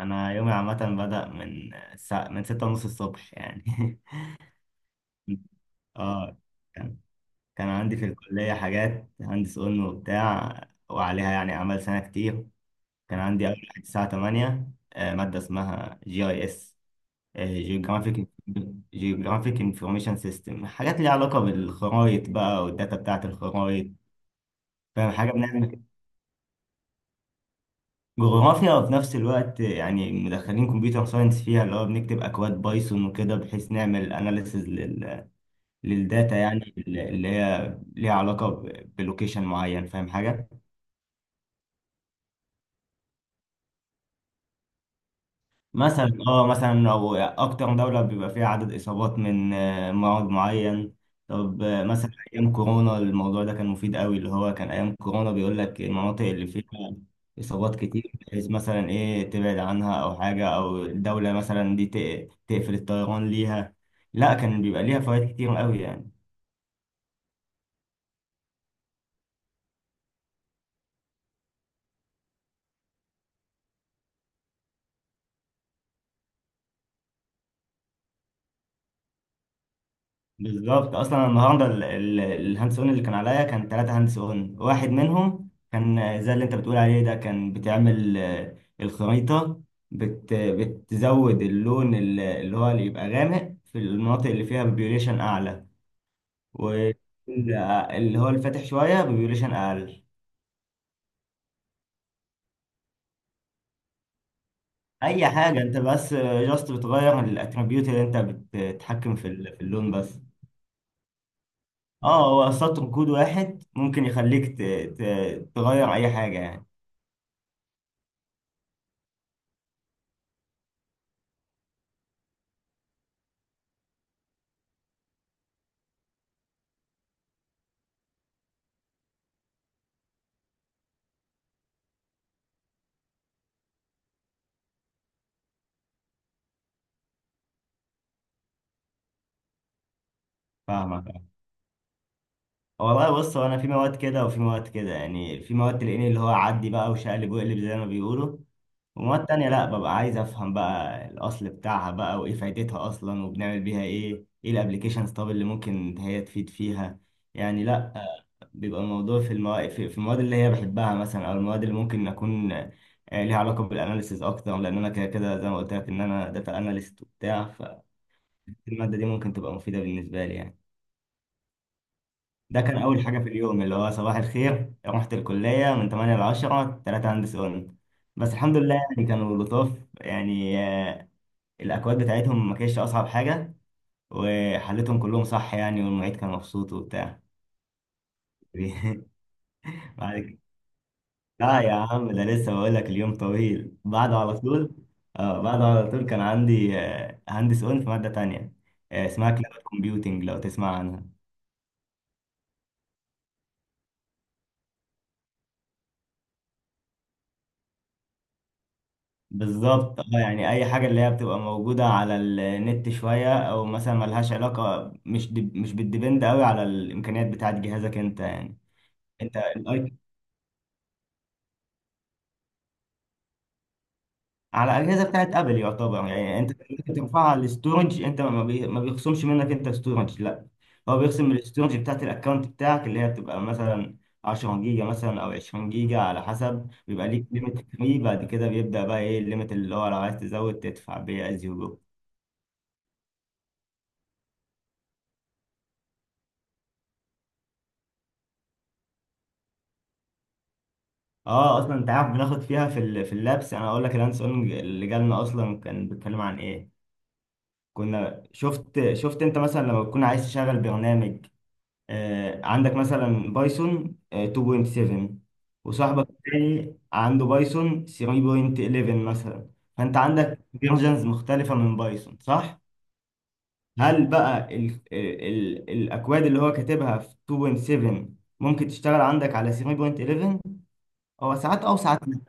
انا يومي عامه، بدأ من الساعه ستة ونص الصبح يعني. اه كان كان عندي في الكليه حاجات هندس اون وبتاع، وعليها يعني اعمال سنه كتير. كان عندي اول حاجه الساعه 8، ماده اسمها جي اي اس، جيوغرافيك جيوغرافيك انفورميشن سيستم، حاجات ليها علاقه بالخرايط بقى، والداتا بتاعه الخرايط، فاهم حاجه بنعمل؟ جغرافيا، وفي نفس الوقت يعني مدخلين كمبيوتر ساينس فيها، اللي هو بنكتب اكواد بايثون وكده بحيث نعمل اناليسز للداتا، يعني اللي هي ليها علاقة بلوكيشن معين، فاهم حاجة؟ مثلا مثلا او اكتر دولة بيبقى فيها عدد اصابات من مرض معين. طب مثلا ايام كورونا الموضوع ده كان مفيد قوي، اللي هو كان ايام كورونا بيقول لك المناطق اللي فيها اصابات كتير، بحيث مثلا ايه تبعد عنها او حاجة، او الدولة مثلا دي تقفل الطيران ليها. لا كان بيبقى ليها فوائد كتير قوي يعني. بالظبط، اصلا النهارده الهاندس اون اللي كان عليا كان ثلاثة هاندس اون، واحد منهم كان زي اللي انت بتقول عليه ده، كان بتعمل الخريطة، بتزود اللون، اللي هو اللي يبقى غامق في المناطق اللي فيها بيبيوليشن اعلى، واللي هو الفاتح شوية بيبيوليشن اقل. اي حاجة، انت بس جاست بتغير الاتريبيوت اللي انت بتتحكم في اللون بس. اه هو سطر كود واحد ممكن يخليك تغير اي حاجة يعني. فاهمة؟ والله بص، هو انا في مواد كده وفي مواد كده، يعني في مواد تلاقيني اللي هو عدي بقى وشقلب وقلب زي ما بيقولوا، ومواد تانية لا، ببقى عايز افهم بقى الاصل بتاعها بقى وايه فايدتها اصلا، وبنعمل بيها ايه، ايه الابليكيشنز طب اللي ممكن هي تفيد فيها يعني. لا بيبقى الموضوع في المواد، في المواد اللي هي بحبها مثلا، او المواد اللي ممكن اكون ليها علاقة بالاناليسيز اكتر، لان انا كده كده زي ما قلت لك ان انا داتا اناليست وبتاع، فالمادة دي ممكن تبقى مفيدة بالنسبة لي يعني. ده كان أول حاجة في اليوم، اللي هو صباح الخير رحت الكلية من 8 ل 10، تلاتة هندس قلنا. بس الحمد لله يعني كانوا لطاف يعني، الأكواد بتاعتهم ما كانتش أصعب حاجة، وحلتهم كلهم صح يعني، والمعيد كان مبسوط وبتاع. بعد كده، لا يا عم ده لسه بقول لك اليوم طويل بعده على طول. اه بعده على طول كان عندي هندس اون في مادة تانية، اسمها كلاود كومبيوتنج، لو تسمع عنها. بالظبط اه، يعني اي حاجه اللي هي بتبقى موجوده على النت شويه، او مثلا ملهاش علاقه، مش دي مش بتديبند قوي على الامكانيات بتاعه جهازك انت يعني. انت الأي- على الاجهزه بتاعه ابل يعتبر، يعني انت ممكن ترفعها على الاستورج، انت ما بيخصمش منك انت ستورج. لا هو بيخصم من الاستورج بتاعه الاكونت بتاعك، اللي هي بتبقى مثلا 10 جيجا مثلا او 20 جيجا على حسب، بيبقى ليك ليميت فري، بعد كده بيبدا بقى ايه الليميت، اللي هو لو عايز تزود تدفع بيه از يو. اه، اصلا انت عارف بناخد فيها في اللابس، انا اقول لك الهاند اون اللي جالنا اصلا كان بيتكلم عن ايه. كنا شفت انت مثلا لما تكون عايز تشغل برنامج، عندك مثلا بايثون 2.7، وصاحبك التاني عنده بايثون 3.11 مثلا، فانت عندك فيرجنز مختلفة من بايثون صح؟ هل بقى ال ال الاكواد اللي هو كاتبها في 2.7 ممكن تشتغل عندك على 3.11؟ هو ساعات، او ساعات لا.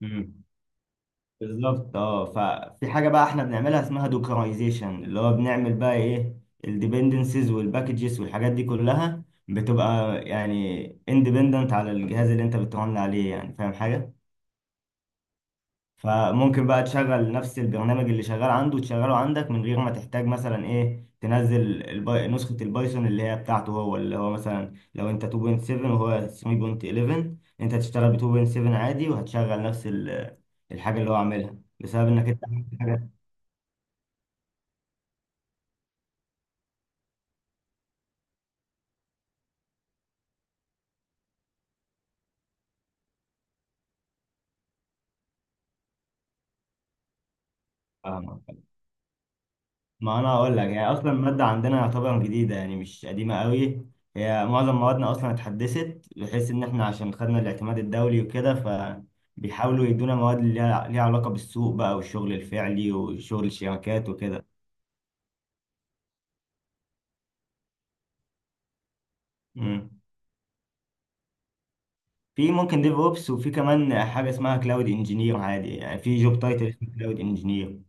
مم. بالظبط اه، ففي حاجه بقى احنا بنعملها اسمها دوكرايزيشن، اللي هو بنعمل بقى ايه الديبندنسز والباكجز والحاجات دي كلها بتبقى يعني اندبندنت على الجهاز اللي انت بترن عليه، يعني فاهم حاجه. فممكن بقى تشغل نفس البرنامج اللي شغال عنده تشغله عندك من غير ما تحتاج مثلا ايه تنزل نسخة البايثون اللي هي بتاعته هو، اللي هو مثلا لو انت 2.7 وهو 3.11 انت هتشتغل ب 2.7 عادي، وهتشغل نفس الحاجة اللي هو عاملها بسبب انك انت عملت حاجة. آه. ما انا اقول لك، يعني اصلا الماده عندنا يعتبر جديده يعني مش قديمه قوي، هي معظم موادنا اصلا اتحدثت بحيث ان احنا عشان خدنا الاعتماد الدولي وكده، فبيحاولوا يدونا مواد اللي ليها علاقه بالسوق بقى والشغل الفعلي وشغل الشبكات وكده. مم. في ممكن ديف اوبس، وفي كمان حاجه اسمها كلاود انجينير، عادي يعني في جوب تايتل اسمه كلاود انجينير.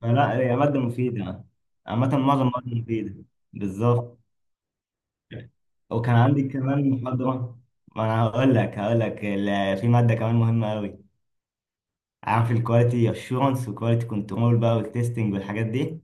فلا هي ماده مفيده، عامه معظم المواد مفيده. بالظبط. وكان عندي كمان محاضرة، ما أنا هقول لك، في مادة كمان مهمة أوي، عارف الكواليتي أشورنس والكواليتي كنترول بقى والتستنج والحاجات دي.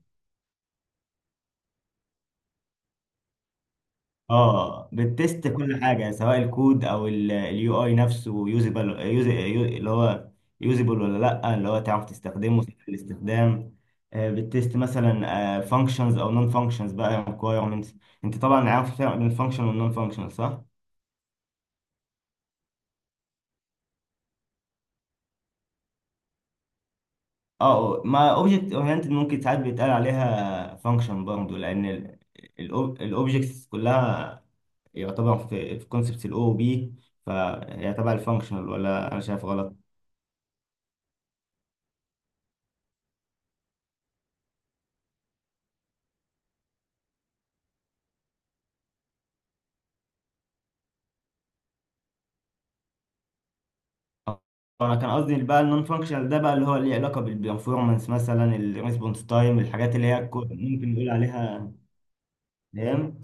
اه، بتست كل حاجة، سواء الكود أو اليو أي نفسه، يوزبل اللي هو يوزبل ولا لأ، اللي هو تعرف تستخدمه، سهل الاستخدام. بتست مثلا فانكشنز أو نون فانكشنز بقى requirements. أنت طبعا عارف الفرق بين الفانكشن والنون فانكشن صح؟ اه، ما اوبجكت اورينتد ممكن ساعات بيتقال عليها فانكشن برضه، لان الاوبجكتس كلها يعتبر في كونسبت الاو بي، فهي تبع الفانكشنال، ولا انا شايف غلط؟ انا كان قصدي بقى النون فانكشنال ده بقى، اللي هو ليه علاقه بالبرفورمانس مثلا، الريسبونس تايم، الحاجات اللي هي ممكن نقول عليها. فاهم؟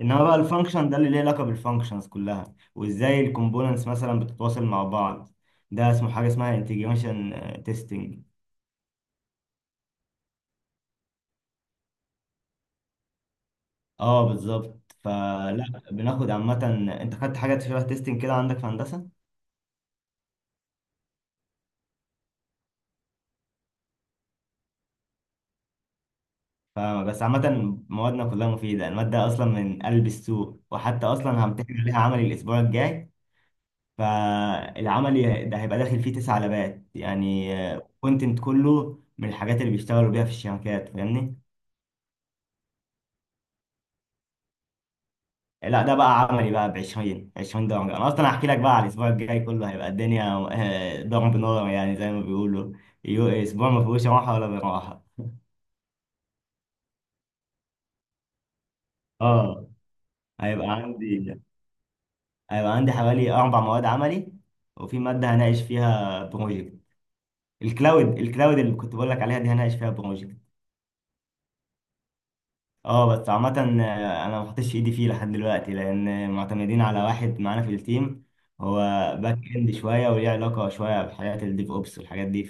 انما بقى الفانكشن ده اللي ليه علاقه بالفانكشنز كلها وازاي الكومبوننتس مثلا بتتواصل مع بعض، ده اسمه حاجه اسمها انتجريشن تيستنج. اه بالظبط، فلا بناخد عامة، انت خدت حاجة شبه تيستنج كده عندك في هندسة؟ فبس عامة موادنا كلها مفيدة، المادة أصلا من قلب السوق، وحتى أصلا همتحن عليها عملي الأسبوع الجاي، فالعملي ده هيبقى داخل فيه تسع لبات يعني، كونتنت كله من الحاجات اللي بيشتغلوا بيها في الشركات، فاهمني؟ لا ده بقى عملي بقى ب 20 درجة، أنا أصلا هحكي لك بقى، على الأسبوع الجاي كله، هيبقى الدنيا ضرب نار يعني زي ما بيقولوا، أسبوع ما فيهوش راحة ولا براحة. اه، هيبقى عندي هيبقى عندي حوالي أربع مواد عملي، وفي مادة هناقش فيها بروجكت، الكلاود اللي كنت بقول لك عليها دي هناقش فيها بروجكت. اه بس عامة أنا ما حطيتش إيدي فيه لحد دلوقتي، لأن معتمدين على واحد معانا في التيم، هو باك إند شوية وليه علاقة شوية بحاجات الديف أوبس والحاجات دي.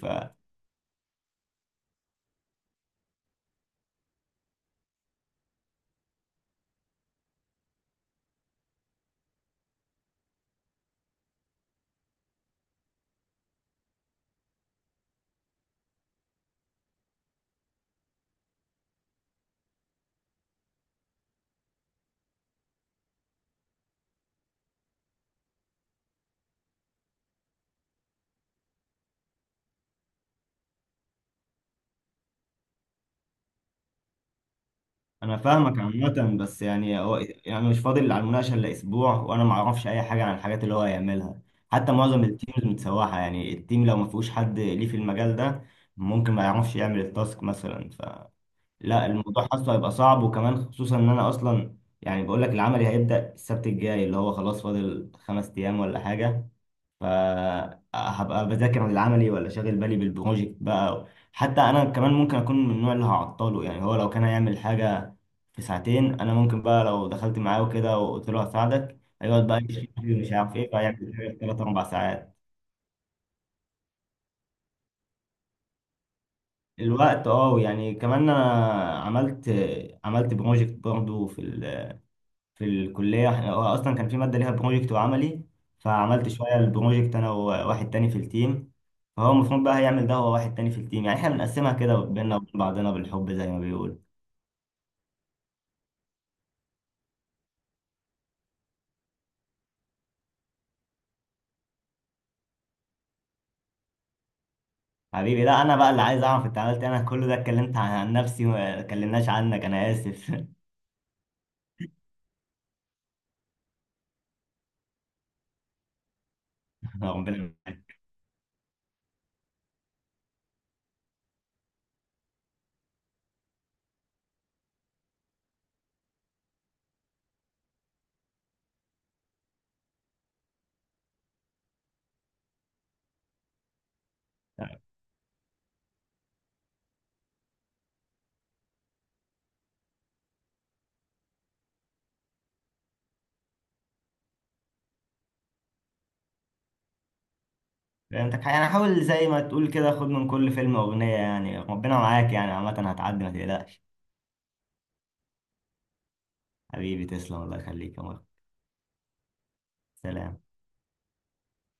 انا فاهمك عامة، بس يعني هو، يعني مش فاضل على المناقشة الا اسبوع، وانا ما اعرفش اي حاجة عن الحاجات اللي هو هيعملها، حتى معظم التيمز متسوحة، يعني التيم لو ما فيهوش حد ليه في المجال ده ممكن ما يعرفش يعمل التاسك مثلا. فلا الموضوع حاسه هيبقى صعب، وكمان خصوصا ان انا اصلا، يعني بقول لك العملي هيبدأ السبت الجاي اللي هو خلاص فاضل خمس ايام ولا حاجة، فهبقى بذاكر العملي ولا شاغل بالي بالبروجكت بقى. حتى انا كمان ممكن اكون من النوع اللي هعطله، يعني هو لو كان هيعمل حاجه في ساعتين، انا ممكن بقى لو دخلت معاه وكده وقلت له هساعدك، هيقعد بقى يشتكي ومش عارف ايه، فهيعمل حاجه في ثلاث اربع ساعات. الوقت، اه يعني كمان انا، عملت عملت بروجكت برضه في الكلية، هو أصلا كان في مادة ليها بروجكت وعملي، فعملت شوية البروجكت أنا وواحد تاني في التيم، فهو المفروض بقى هيعمل ده هو واحد تاني في التيم، يعني إحنا بنقسمها كده بينا وبين بعضنا بالحب زي ما بيقول. حبيبي لا، أنا بقى اللي عايز أعرف أنت عملت إيه، أنا كل ده اتكلمت عن نفسي وما اتكلمناش عنك، أنا آسف. ربنا معاك. فهمتك، يعني حاول زي ما تقول كده، خد من كل فيلم أغنية، يعني ربنا معاك، يعني عامة هتعدي ما تقلقش. حبيبي تسلم، الله يخليك، يا مرحبا. سلام.